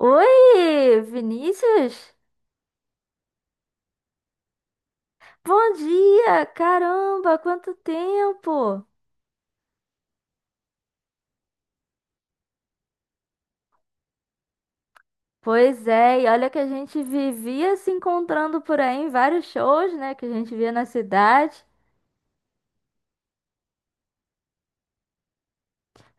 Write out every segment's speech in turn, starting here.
Oi, Vinícius? Bom dia! Caramba, quanto tempo! Pois é, e olha que a gente vivia se encontrando por aí em vários shows, né, que a gente via na cidade.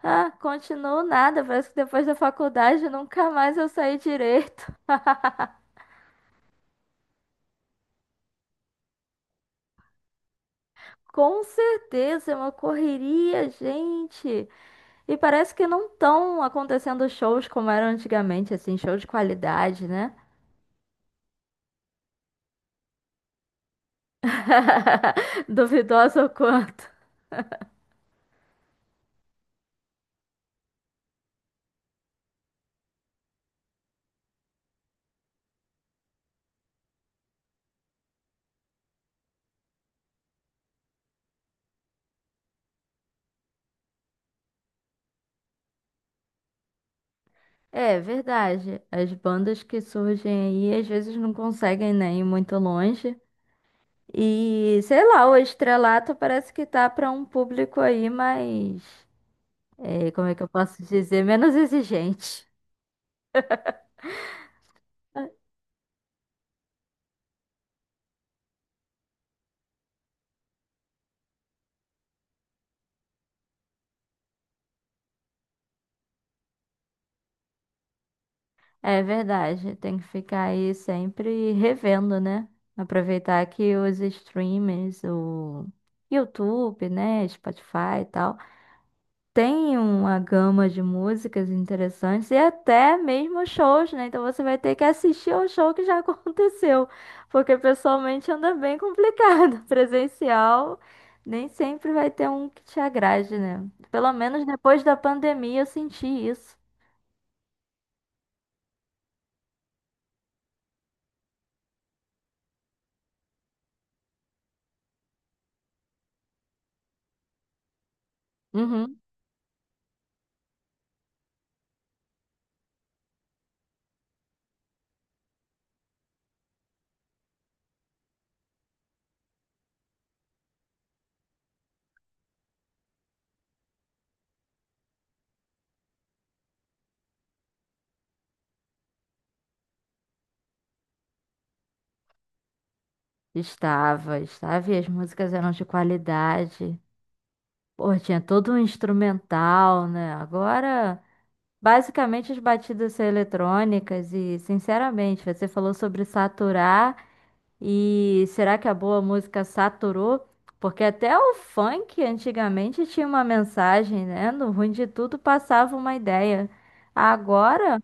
Ah, continuou nada, parece que depois da faculdade nunca mais eu saí direito. Com certeza, é uma correria, gente. E parece que não estão acontecendo shows como eram antigamente, assim, show de qualidade, né? Duvidoso o quanto. É verdade. As bandas que surgem aí às vezes não conseguem nem ir muito longe. E sei lá, o estrelato parece que tá para um público aí mais. Como é que eu posso dizer? Menos exigente. É verdade. Tem que ficar aí sempre revendo, né? Aproveitar que os streamers, o YouTube, né? Spotify e tal. Tem uma gama de músicas interessantes e até mesmo shows, né? Então você vai ter que assistir ao show que já aconteceu, porque pessoalmente anda bem complicado. Presencial nem sempre vai ter um que te agrade, né? Pelo menos depois da pandemia eu senti isso. Uhum. Estava, estava, e as músicas eram de qualidade. Pô, tinha todo um instrumental, né? Agora. Basicamente, as batidas são eletrônicas e, sinceramente, você falou sobre saturar e será que a boa música saturou? Porque até o funk antigamente tinha uma mensagem, né? No ruim de tudo passava uma ideia. Agora,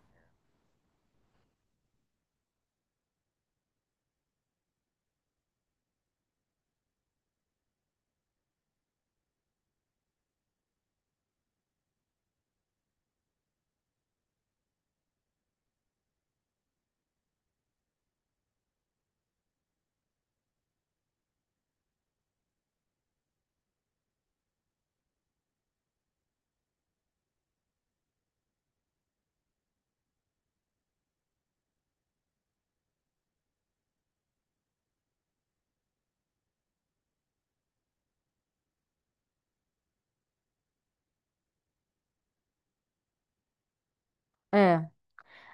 é,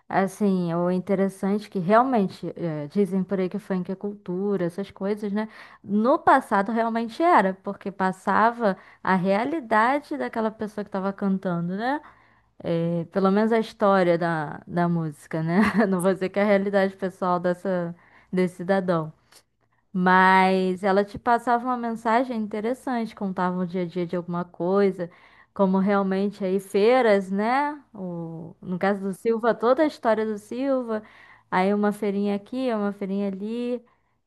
assim, o interessante é que realmente, dizem por aí que funk é cultura, essas coisas, né? No passado realmente era, porque passava a realidade daquela pessoa que estava cantando, né? É, pelo menos a história da música, né? Não vou dizer que é a realidade pessoal dessa, desse cidadão. Mas ela te passava uma mensagem interessante, contava o dia a dia de alguma coisa, como realmente aí feiras, né? O, no caso do Silva, toda a história do Silva, aí uma feirinha aqui, uma feirinha ali.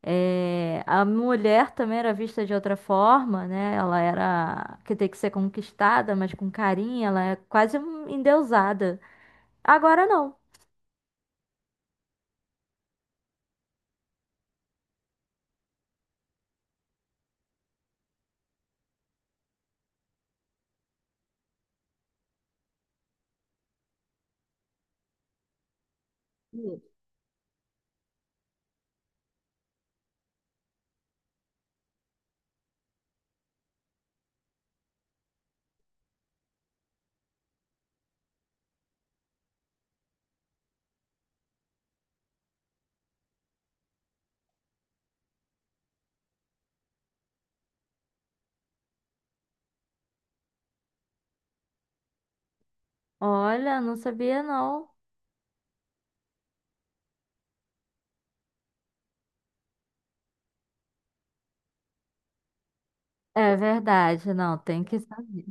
É, a mulher também era vista de outra forma, né? Ela era que tem que ser conquistada, mas com carinho, ela é quase endeusada. Agora não. Olha, não sabia não. É verdade, não, tem que saber.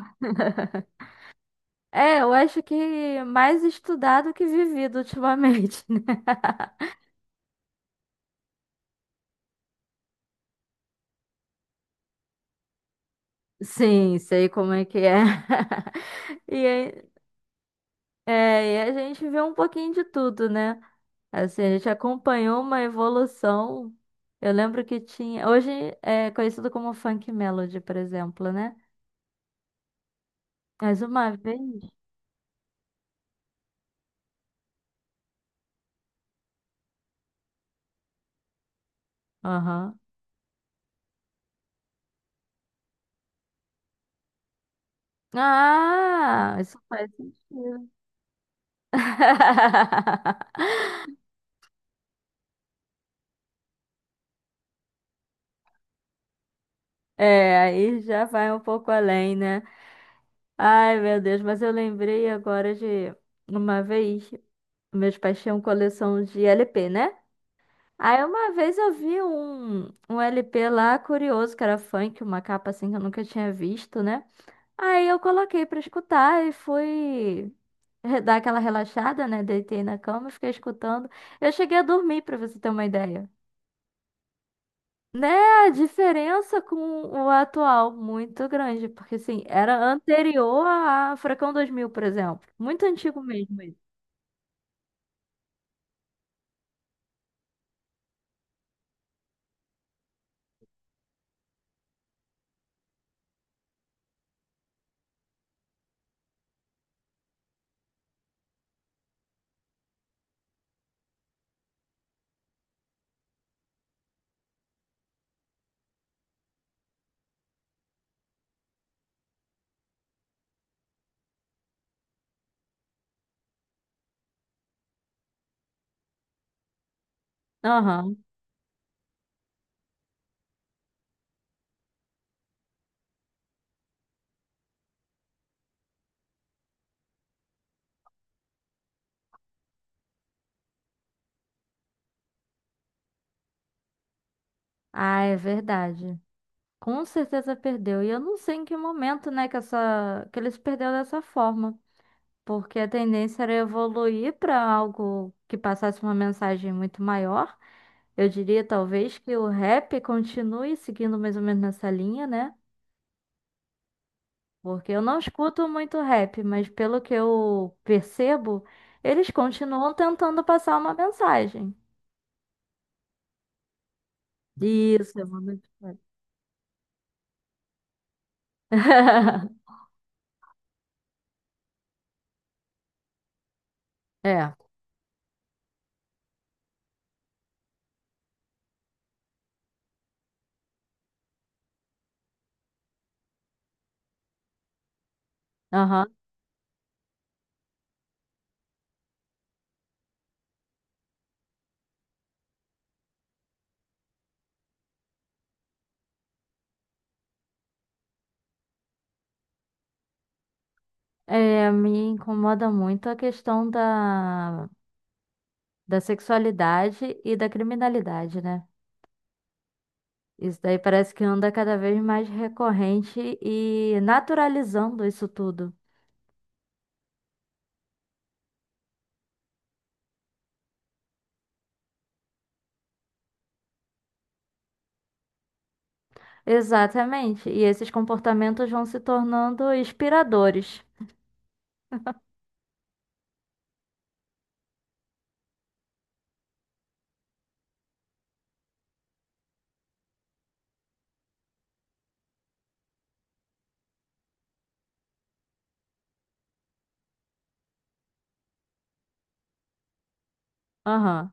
É, eu acho que mais estudado que vivido ultimamente, né? Sim, sei como é que é. E, é, e a gente vê um pouquinho de tudo, né? Assim, a gente acompanhou uma evolução. Eu lembro que tinha. Hoje é conhecido como Funk Melody, por exemplo, né? Mas uma vez. Aham. Ah, isso faz sentido. É, aí já vai um pouco além, né? Ai, meu Deus, mas eu lembrei agora de uma vez, meus pais tinham coleção de LP, né? Aí uma vez eu vi um LP lá curioso, que era funk, uma capa assim que eu nunca tinha visto, né? Aí eu coloquei pra escutar e fui dar aquela relaxada, né? Deitei na cama e fiquei escutando. Eu cheguei a dormir, pra você ter uma ideia. Né, a diferença com o atual, muito grande, porque assim, era anterior a Furacão 2000 por exemplo. Muito antigo mesmo isso. Aham. Ah, é verdade. Com certeza perdeu. E eu não sei em que momento, né, que ele se perdeu dessa forma, porque a tendência era evoluir para algo que passasse uma mensagem muito maior. Eu diria talvez que o rap continue seguindo mais ou menos nessa linha, né? Porque eu não escuto muito rap, mas pelo que eu percebo, eles continuam tentando passar uma mensagem. Isso, é uma mensagem. É, aham. É, me incomoda muito a questão da sexualidade e da criminalidade, né? Isso daí parece que anda cada vez mais recorrente e naturalizando isso tudo. Exatamente. E esses comportamentos vão se tornando inspiradores. Aham.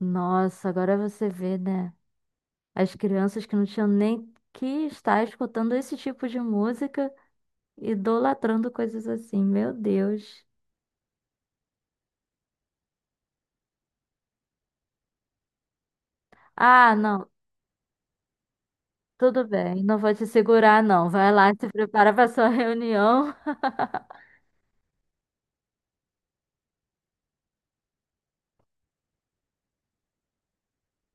Nossa, agora você vê, né? As crianças que não tinham nem que estar escutando esse tipo de música, idolatrando coisas assim. Meu Deus. Ah, não, tudo bem, não vou te segurar, não. Vai lá, se prepara para sua reunião.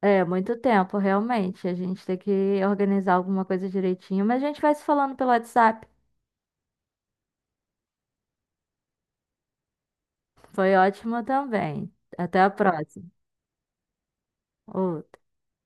É, muito tempo, realmente. A gente tem que organizar alguma coisa direitinho, mas a gente vai se falando pelo WhatsApp. Foi ótimo também. Até a próxima. Outro.